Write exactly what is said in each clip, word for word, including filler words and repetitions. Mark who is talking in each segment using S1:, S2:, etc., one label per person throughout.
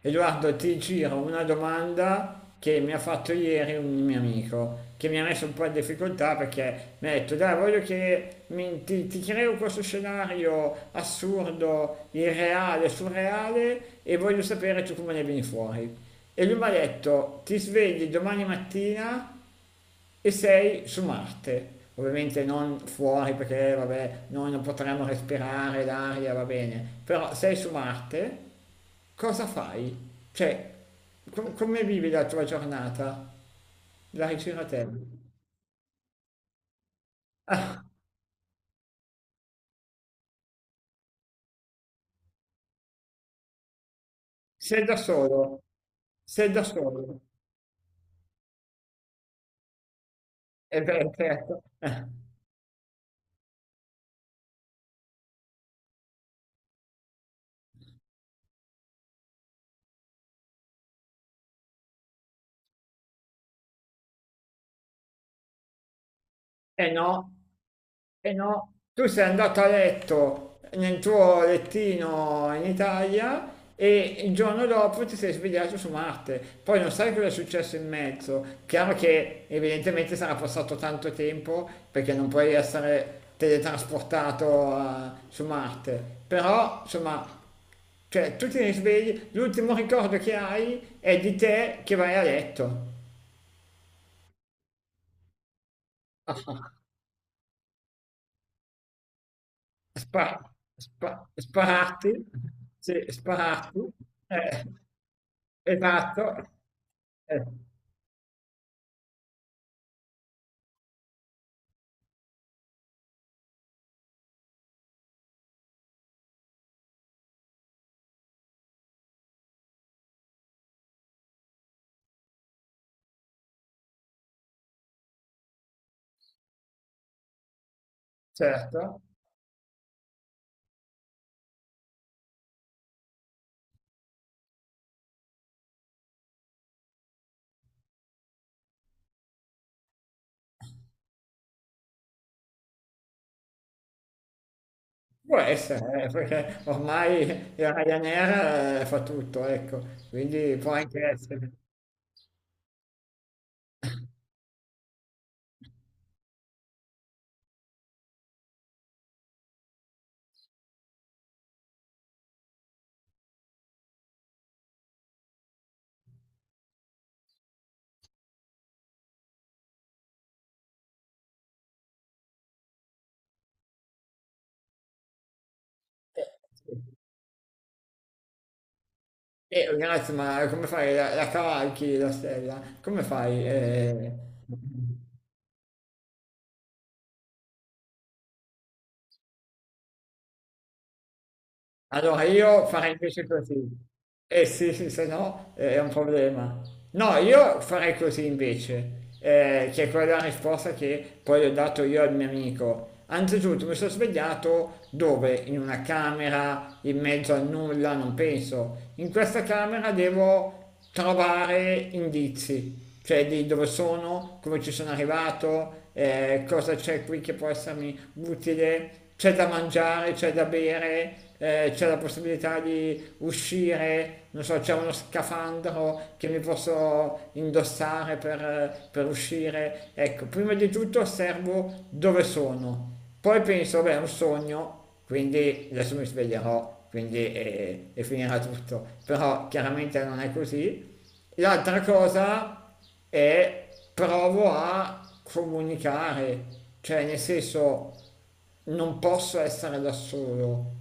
S1: E guarda, ti giro una domanda che mi ha fatto ieri un mio amico, che mi ha messo un po' in difficoltà perché mi ha detto, dai, voglio che mi- ti, ti creo questo scenario assurdo, irreale, surreale e voglio sapere tu come ne vieni fuori. E lui mi ha detto, ti svegli domani mattina e sei su Marte. Ovviamente non fuori perché vabbè, noi non potremmo respirare l'aria, va bene, però sei su Marte, cosa fai? Cioè, com- come vivi la tua giornata? La ricerca a te. Sei da solo, sei da solo. E beh, certo. Eh no, eh no, tu sei andato a letto nel tuo lettino in Italia e il giorno dopo ti sei svegliato su Marte. Poi non sai cosa è successo in mezzo. Chiaro che evidentemente sarà passato tanto tempo perché non puoi essere teletrasportato a- su Marte. Però, insomma, cioè, tu ti risvegli, l'ultimo ricordo che hai è di te che vai a letto. Spa spa Sparati, sì, sparati, eh. Esatto. Eh, certo. Può essere, eh, perché ormai il Ryanair, eh, fa tutto, ecco, quindi può anche essere. E grazie, ma come fai? La, la cavalchi la stella? Come fai? Eh, Allora io farei invece così. Eh sì, sì, se no eh, è un problema. No, io farei così invece, eh, che è quella risposta che poi ho dato io al mio amico. Anzitutto mi sono svegliato dove? In una camera, in mezzo a nulla, non penso. In questa camera devo trovare indizi, cioè di dove sono, come ci sono arrivato, eh, cosa c'è qui che può essermi utile, c'è da mangiare, c'è da bere, eh, c'è la possibilità di uscire, non so, c'è uno scafandro che mi posso indossare per, per uscire. Ecco, prima di tutto osservo dove sono, poi penso, beh, è un sogno, quindi adesso mi sveglierò, quindi eh, e finirà tutto. Però chiaramente non è così. L'altra cosa è provo a comunicare, cioè nel senso non posso essere da solo,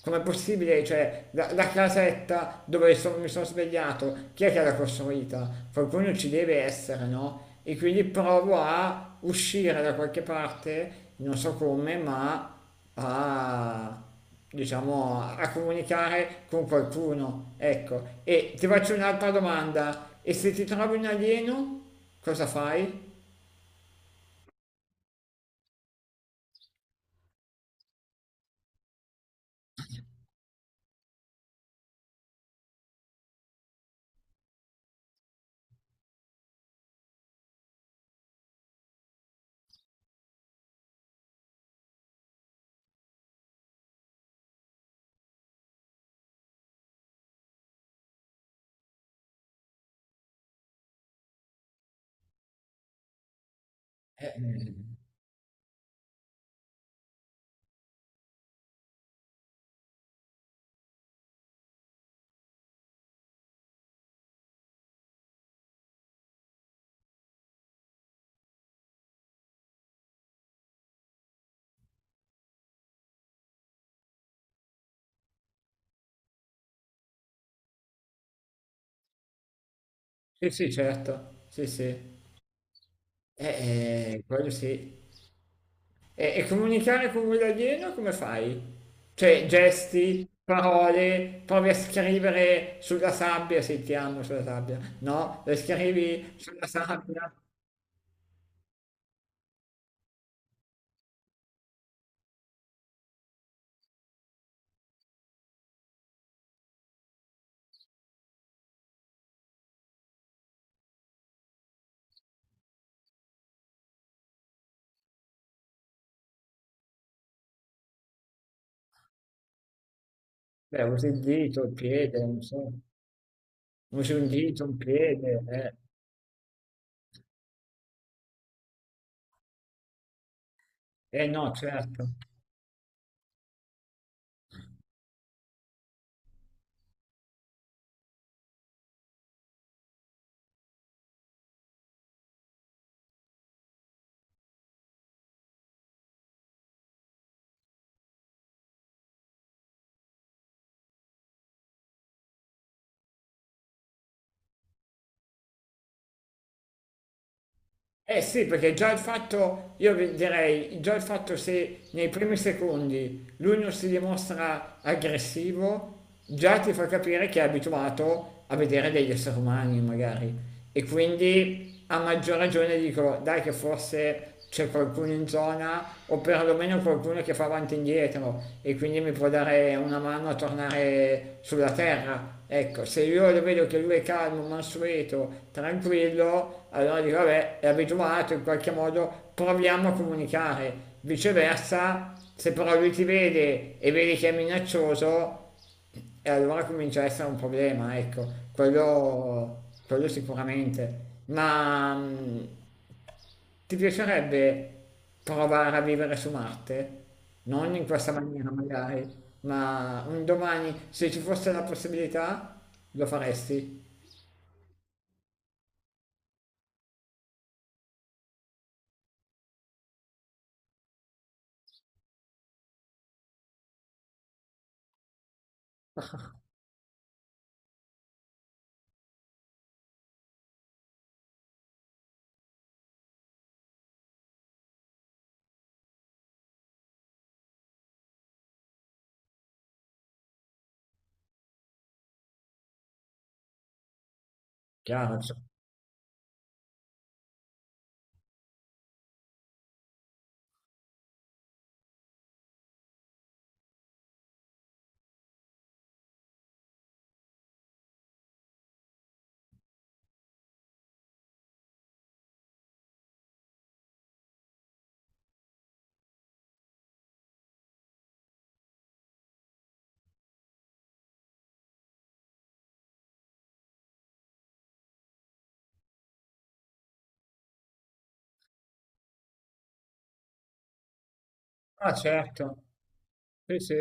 S1: com'è possibile? Cioè, la, la casetta dove sono- mi sono svegliato, chi è che l'ha costruita? Qualcuno ci deve essere, no? E quindi provo a uscire da qualche parte, non so come, ma a, diciamo, a a comunicare con qualcuno. Ecco, e ti faccio un'altra domanda. E se ti trovi un alieno, cosa fai? Sì, sì, certo. Sì, sì. Eh, eh, quello sì. E, e comunicare con quello alieno come fai? Cioè, gesti, parole, provi a scrivere sulla sabbia se ti hanno sulla sabbia. No, le scrivi sulla sabbia. Beh, usi il dito, il piede, non so. Usi un dito, un piede. Eh, eh no, certo. Eh sì, perché già il fatto, io vi- direi, già il fatto se nei primi secondi lui non si dimostra aggressivo, già ti fa capire che è abituato a vedere degli esseri umani magari e quindi a maggior ragione dico dai che forse c'è qualcuno in zona o perlomeno qualcuno che fa avanti e indietro e quindi mi può dare una mano a tornare sulla terra. Ecco, se io lo vedo che lui è calmo, mansueto, tranquillo, allora dico vabbè, è abituato in qualche modo, proviamo a comunicare. Viceversa, se però lui ti vede e vedi che è minaccioso, e allora comincia a essere un problema, ecco, quello, quello sicuramente. Ma mh, ti piacerebbe provare a vivere su Marte? Non in questa maniera magari, ma un domani, se ci fosse la possibilità, lo faresti? Chiaro. Ah, certo. Sì, sì.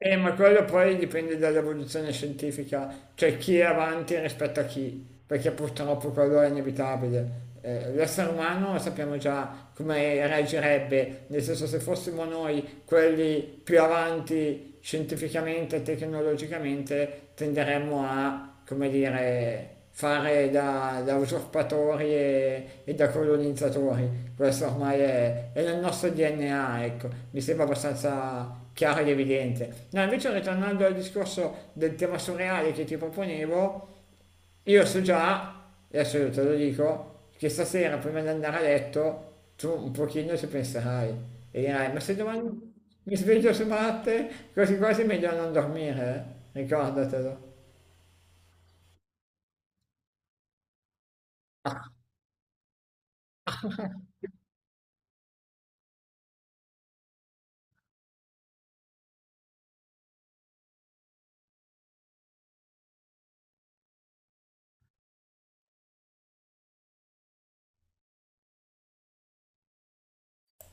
S1: Eh, ma quello poi dipende dall'evoluzione scientifica, cioè chi è avanti rispetto a chi, perché purtroppo quello è inevitabile. Eh, l'essere umano sappiamo già come reagirebbe, nel senso se fossimo noi quelli più avanti scientificamente e tecnologicamente tenderemmo a, come dire, fare da, da usurpatori e, e da colonizzatori. Questo ormai è, è nel nostro D N A, ecco, mi sembra abbastanza chiaro ed evidente. No, invece ritornando al discorso del tema surreale che ti proponevo, io so già, adesso io te lo dico, che stasera prima di andare a letto tu un pochino ci penserai e dirai, ma se domani mi sveglio su Marte, quasi quasi è meglio non dormire, eh? Ricordatelo.